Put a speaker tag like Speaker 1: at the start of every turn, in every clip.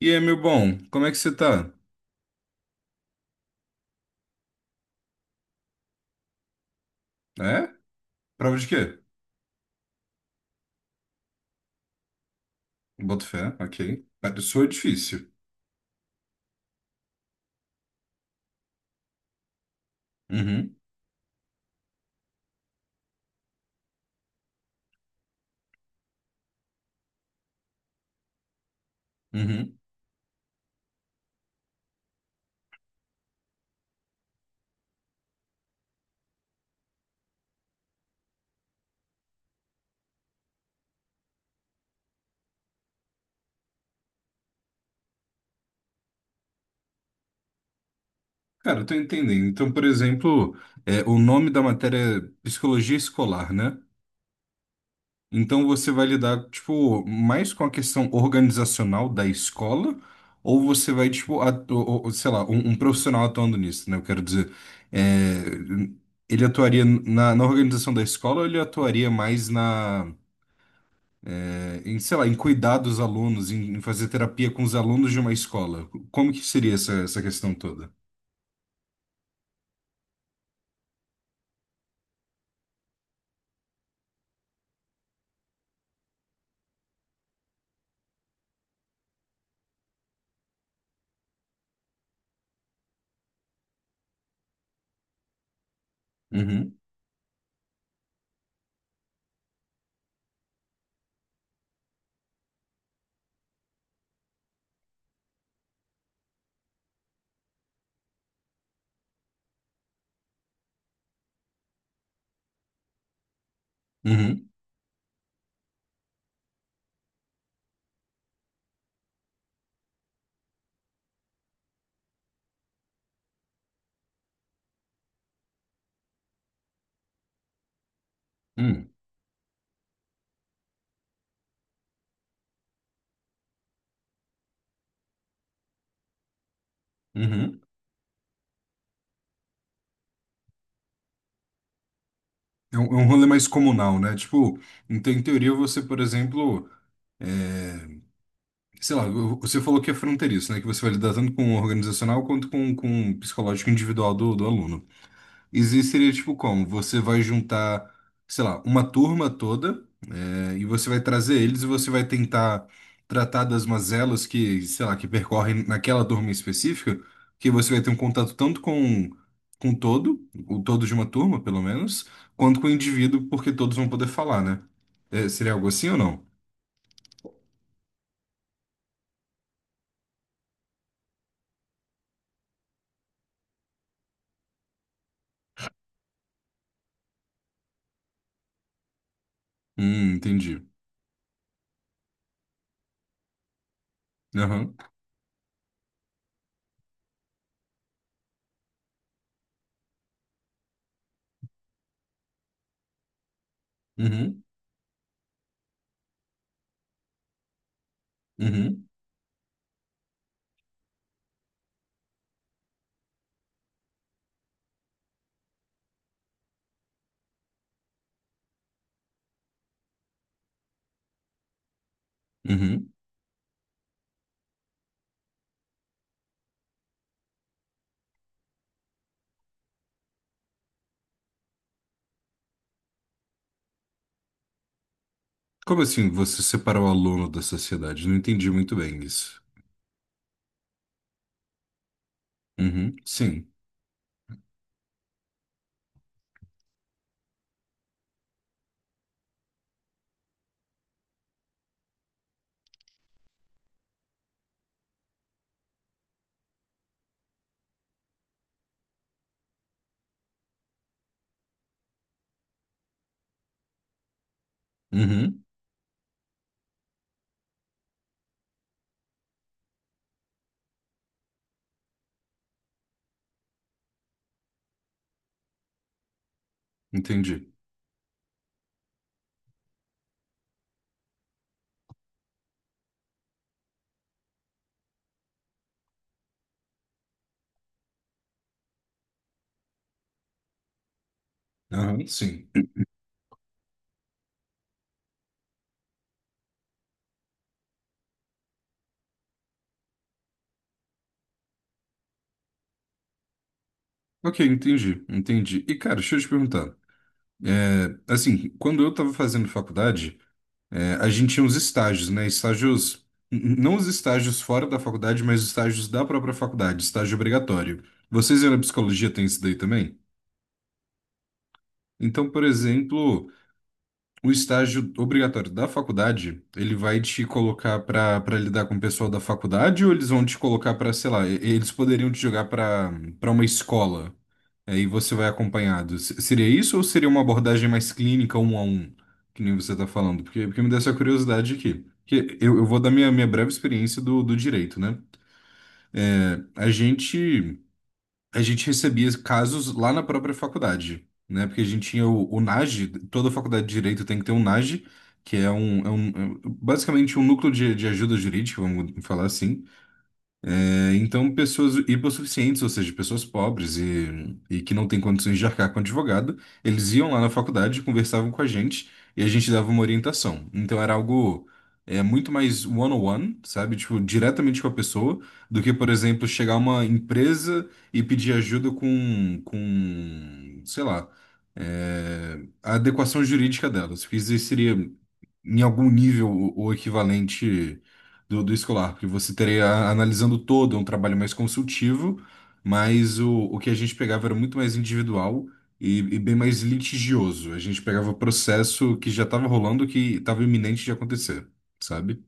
Speaker 1: E aí, meu bom, como é que você tá? É? Prova de quê? Boto fé, ok. Cara, soa difícil. Uhum, uhum. Cara, eu tô entendendo. Então, por exemplo, o nome da matéria é psicologia escolar, né? Então você vai lidar, tipo, mais com a questão organizacional da escola, ou você vai, tipo, sei lá, um profissional atuando nisso, né? Eu quero dizer, é, ele atuaria na organização da escola ou ele atuaria mais na em, sei lá, em cuidar dos alunos, em fazer terapia com os alunos de uma escola? Como que seria essa questão toda? Uhum, uhum, uhum, uhum. É um rolê mais comunal, né? Tipo, então, em teoria, você, por exemplo, é, sei lá, você falou que é fronteiriço, né? Que você vai lidar tanto com o organizacional quanto com o psicológico individual do aluno. Existiria, tipo, como? Você vai juntar, sei lá, uma turma toda. E você vai trazer eles e você vai tentar tratar das mazelas que, sei lá, que percorrem naquela turma específica, que você vai ter um contato tanto com o todo de uma turma, pelo menos, quanto com o indivíduo, porque todos vão poder falar, né? É, seria algo assim ou não? Entendi. Aham. Uhum. Uhum. Uhum. Como assim você separa o aluno da sociedade? Não entendi muito bem isso. Uhum. Sim. Uhum. Entendi. Aham. Sim. Ok, entendi. Entendi. E, cara, deixa eu te perguntar. Assim, quando eu estava fazendo faculdade, a gente tinha uns estágios, né? Estágios, não os estágios fora da faculdade, mas os estágios da própria faculdade, estágio obrigatório. Vocês aí na psicologia têm isso daí também? Então, por exemplo, o estágio obrigatório da faculdade, ele vai te colocar para lidar com o pessoal da faculdade ou eles vão te colocar para, sei lá, eles poderiam te jogar para uma escola? Aí você vai acompanhado. Seria isso ou seria uma abordagem mais clínica, um a um, que nem você está falando? Porque me deu essa curiosidade aqui. Que eu vou dar minha breve experiência do direito, né? É, A gente, a gente recebia casos lá na própria faculdade, né? Porque a gente tinha o NAGE, toda faculdade de direito tem que ter um NAGE, que é é um- é basicamente um núcleo de ajuda jurídica, vamos falar assim, é, então, pessoas hipossuficientes, ou seja, pessoas pobres e que não têm condições de arcar com advogado, eles iam lá na faculdade, conversavam com a gente e a gente dava uma orientação. Então, era algo é, muito mais one-on-one, sabe? Tipo, diretamente com a pessoa, do que, por exemplo, chegar a uma empresa e pedir ajuda sei lá, é, a adequação jurídica delas, que isso seria em algum nível o equivalente do escolar, porque você estaria analisando todo, é um trabalho mais consultivo, mas o que a gente pegava era muito mais individual e bem mais litigioso. A gente pegava processo que já estava rolando, que estava iminente de acontecer, sabe?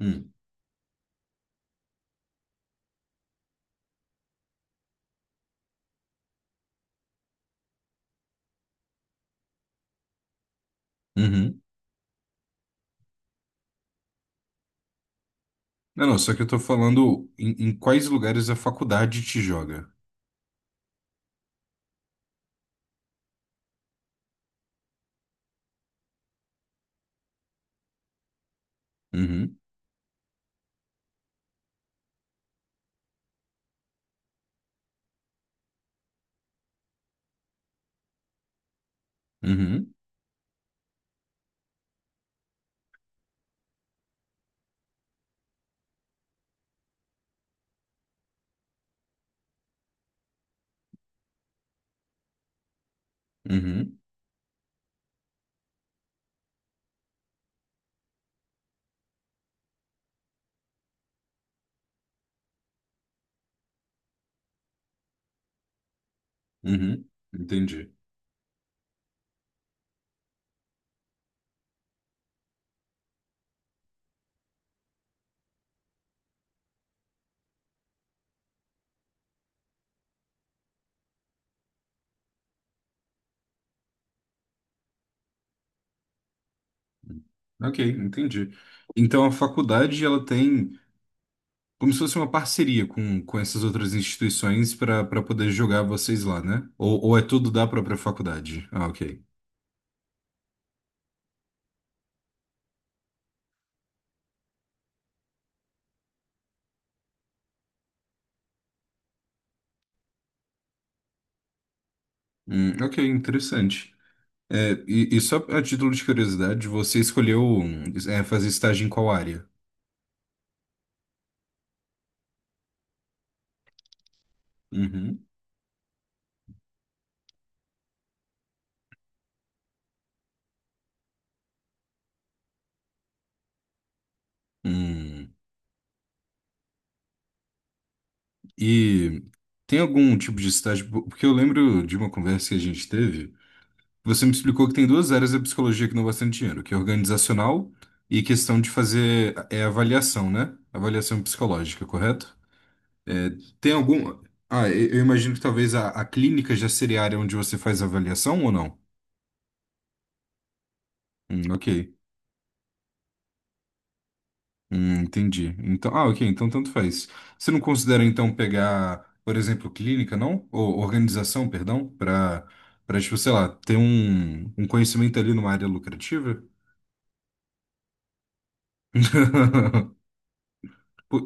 Speaker 1: Hum. Uhum. Não, não, só que eu tô falando em quais lugares a faculdade te joga. Uhum, uhum, uhum, uhum. Entendi. Ok, entendi. Então a faculdade ela tem como se fosse uma parceria com essas outras instituições para poder jogar vocês lá, né? Ou é tudo da própria faculdade? Ah, ok. Ok, interessante. É, e só a título de curiosidade, você escolheu fazer estágio em qual área? Uhum. Hum. E tem algum tipo de estágio? Porque eu lembro de uma conversa que a gente teve, você me explicou que tem duas áreas da psicologia que não bastante dinheiro, que é organizacional e questão de fazer avaliação, né? Avaliação psicológica, correto? É, tem algum. Ah, eu imagino que talvez a clínica já seria a área onde você faz a avaliação ou não? Ok. Entendi. Então, ah, ok, então tanto faz. Você não considera então pegar, por exemplo, clínica, não? Ou organização, perdão, para tipo, sei lá, ter um conhecimento ali numa área lucrativa? Pô,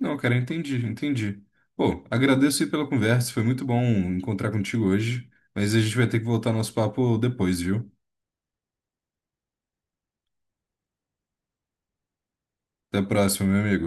Speaker 1: não, cara, entendi, entendi. Pô, agradeço aí pela conversa, foi muito bom encontrar contigo hoje, mas a gente vai ter que voltar nosso papo depois, viu? Até a próxima, meu amigo.